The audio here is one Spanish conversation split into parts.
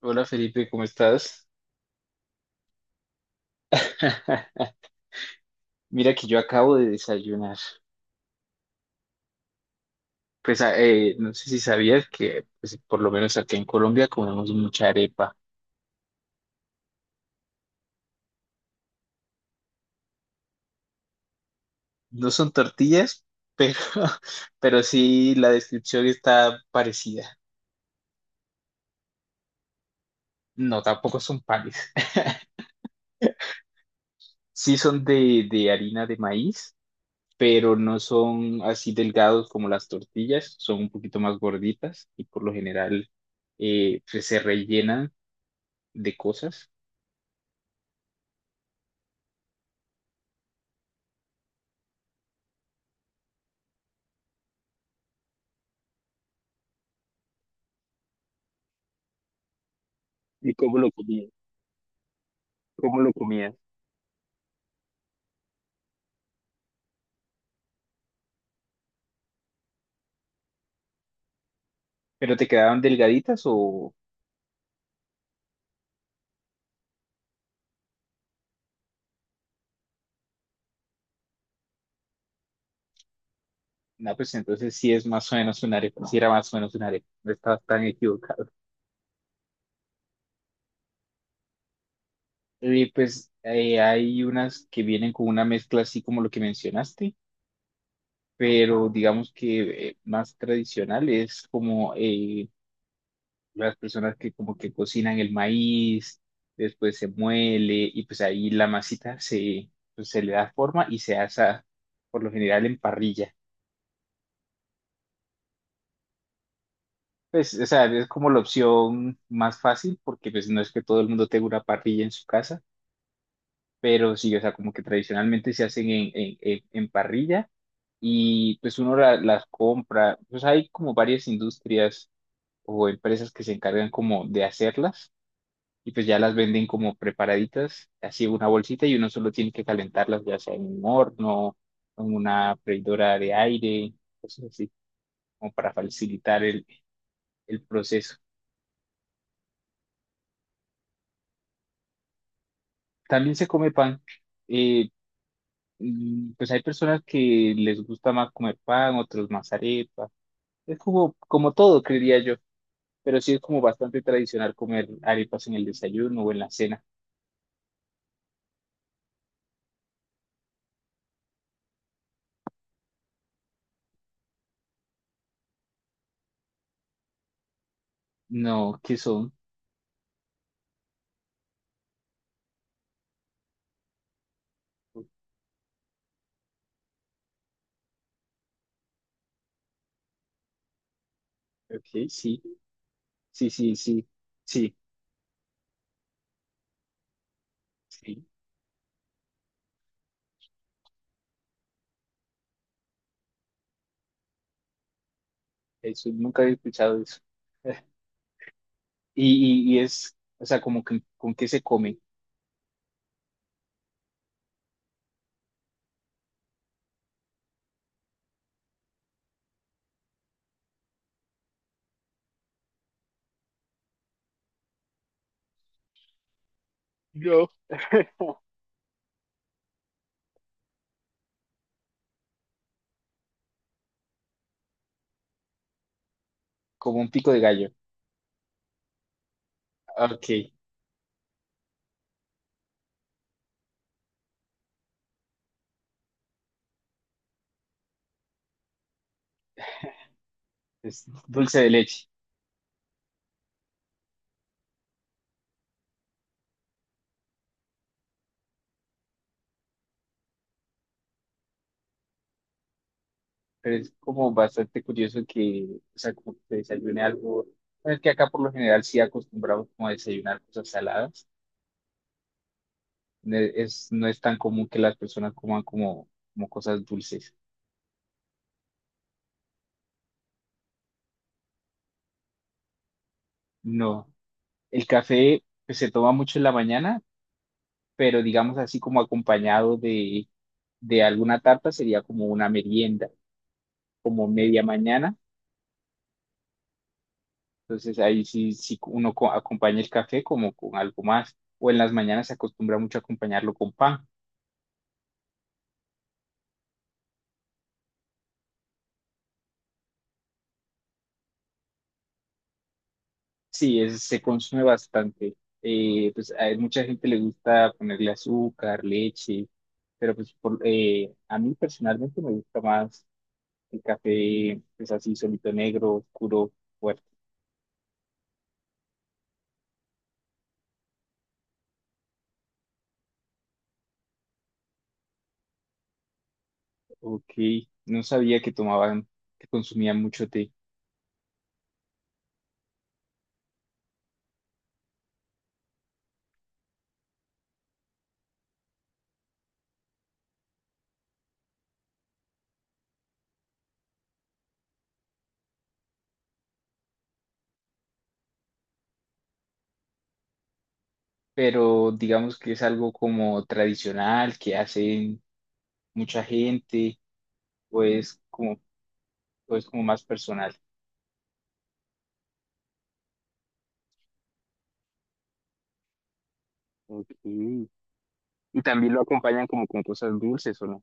Hola Felipe, ¿cómo estás? Mira que yo acabo de desayunar. No sé si sabías que pues, por lo menos acá en Colombia comemos mucha arepa. No son tortillas, pero, pero sí la descripción está parecida. No, tampoco son panes. Sí son de harina de maíz, pero no son así delgados como las tortillas, son un poquito más gorditas y por lo general se rellenan de cosas. ¿Y cómo lo comías? ¿Cómo lo comías? ¿Pero te quedaban delgaditas o...? No, pues entonces sí es más o menos un arepa, sí era más o menos un arepa, no estabas tan equivocado. Y hay unas que vienen con una mezcla así como lo que mencionaste, pero digamos que más tradicional es como las personas que como que cocinan el maíz, después se muele y pues ahí la masita se, pues, se le da forma y se asa por lo general en parrilla. Pues, o sea, es como la opción más fácil porque pues no es que todo el mundo tenga una parrilla en su casa, pero sí, o sea, como que tradicionalmente se hacen en parrilla y pues uno la- las compra, pues hay como varias industrias o empresas que se encargan como de hacerlas y pues ya las venden como preparaditas, así en una bolsita y uno solo tiene que calentarlas ya sea en un horno, en una freidora de aire, cosas así, como para facilitar el proceso. También se come pan. Eh, pues hay personas que les gusta más comer pan, otros más arepa. Es como, como todo, creería yo. Pero sí es como bastante tradicional comer arepas en el desayuno o en la cena. No, ¿qué son? Ok, sí, sí, sí, sí, sí, sí. Eso, nunca había escuchado eso. Y es, o sea, como que, ¿con qué se come? Yo. Como un pico de gallo. Ok, es dulce de leche. Pero es como bastante curioso que, o sea, como que desayune algo, bueno, es que acá por lo general sí acostumbramos como a desayunar cosas saladas, no es tan común que las personas coman como, como cosas dulces, no, el café pues, se toma mucho en la mañana, pero digamos así como acompañado de alguna tarta sería como una merienda, como media mañana, entonces ahí sí, sí uno co- acompaña el café como con algo más, o en las mañanas se acostumbra mucho a acompañarlo con pan. Sí, es- se consume bastante. Pues a mucha gente le gusta ponerle azúcar, leche, pero a mí personalmente me gusta más el café, pues así solito negro, oscuro, fuerte. Ok, no sabía que tomaban, que consumían mucho té, pero digamos que es algo como tradicional que hacen mucha gente, pues como, pues como más personal. Ok. Y también lo acompañan como con cosas dulces, ¿o no?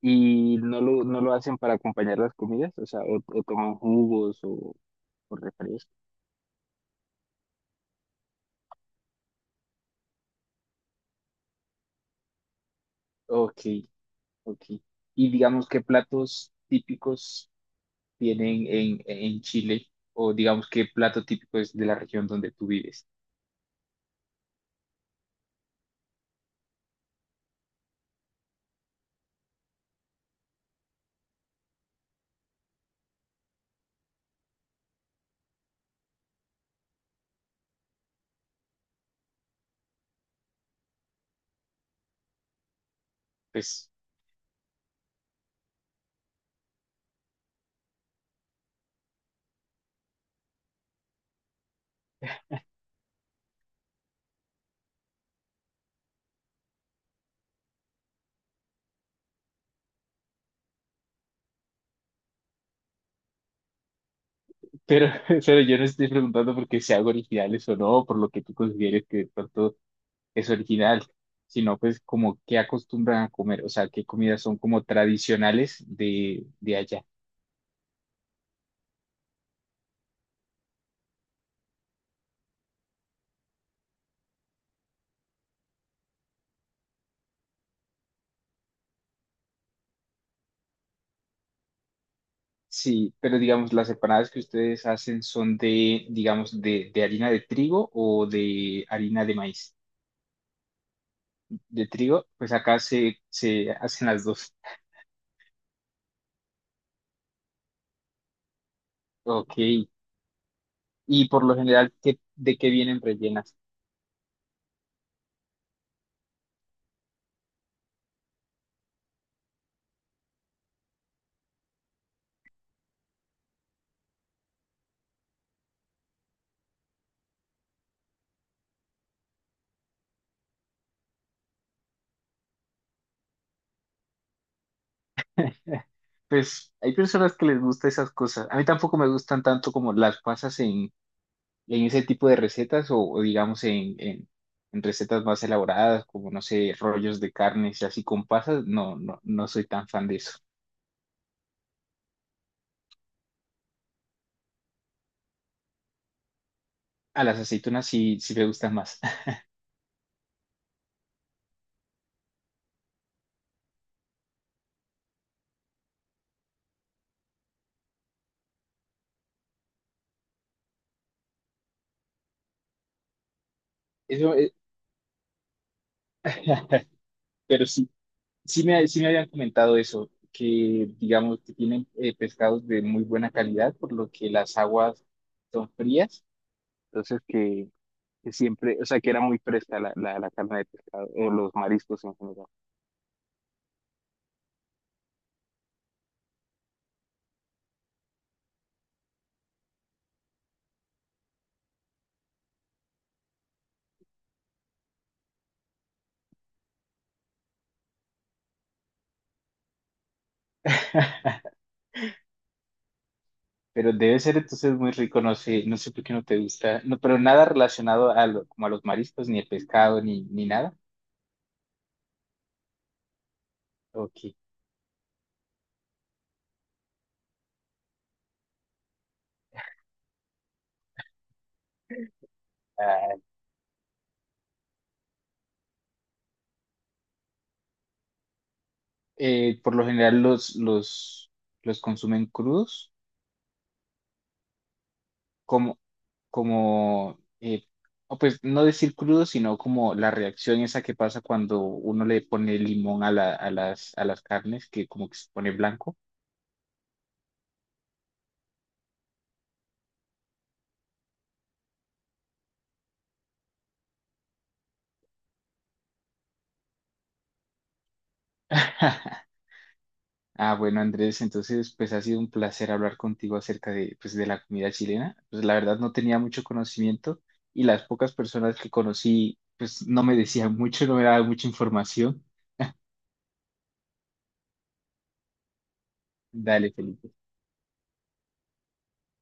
Y no lo hacen para acompañar las comidas, o sea, o toman jugos o refrescos. Ok, ok. Y digamos, ¿qué platos típicos tienen en Chile? O digamos, ¿qué plato típico es de la región donde tú vives? Pues, pero, pero yo no estoy preguntando porque sean originales o no, por lo que tú consideres que de pronto es original, sino pues como qué acostumbran a comer, o sea, qué comidas son como tradicionales de allá. Sí, pero digamos, las empanadas que ustedes hacen son de, digamos, de harina de trigo o de harina de maíz. De trigo, pues acá se, se hacen las dos. Ok. Y por lo general, ¿qué, de qué vienen rellenas? Pues hay personas que les gusta esas cosas. A mí tampoco me gustan tanto como las pasas en ese tipo de recetas o digamos en recetas más elaboradas, como no sé, rollos de carnes y así con pasas. No, no, no soy tan fan de eso. A las aceitunas sí, sí me gustan más. Eso, pero sí, sí me habían comentado eso, que digamos que tienen pescados de muy buena calidad, por lo que las aguas son frías. Entonces que siempre, o sea, que era muy fresca la, la, la carne de pescado o los mariscos en general. Pero debe ser entonces muy rico, no sé, no sé por qué no te gusta, no, pero nada relacionado a lo- como a los mariscos, ni el pescado, ni, ni nada. Ok, por lo general los consumen crudos, como, como eh, o pues no decir crudos, sino como la reacción esa que pasa cuando uno le pone limón a, la- a las carnes, que como que se pone blanco. Ah, bueno, Andrés, entonces pues ha sido un placer hablar contigo acerca de, pues, de la comida chilena. Pues la verdad no tenía mucho conocimiento y las pocas personas que conocí pues no me decían mucho, no me daban mucha información. Dale, Felipe.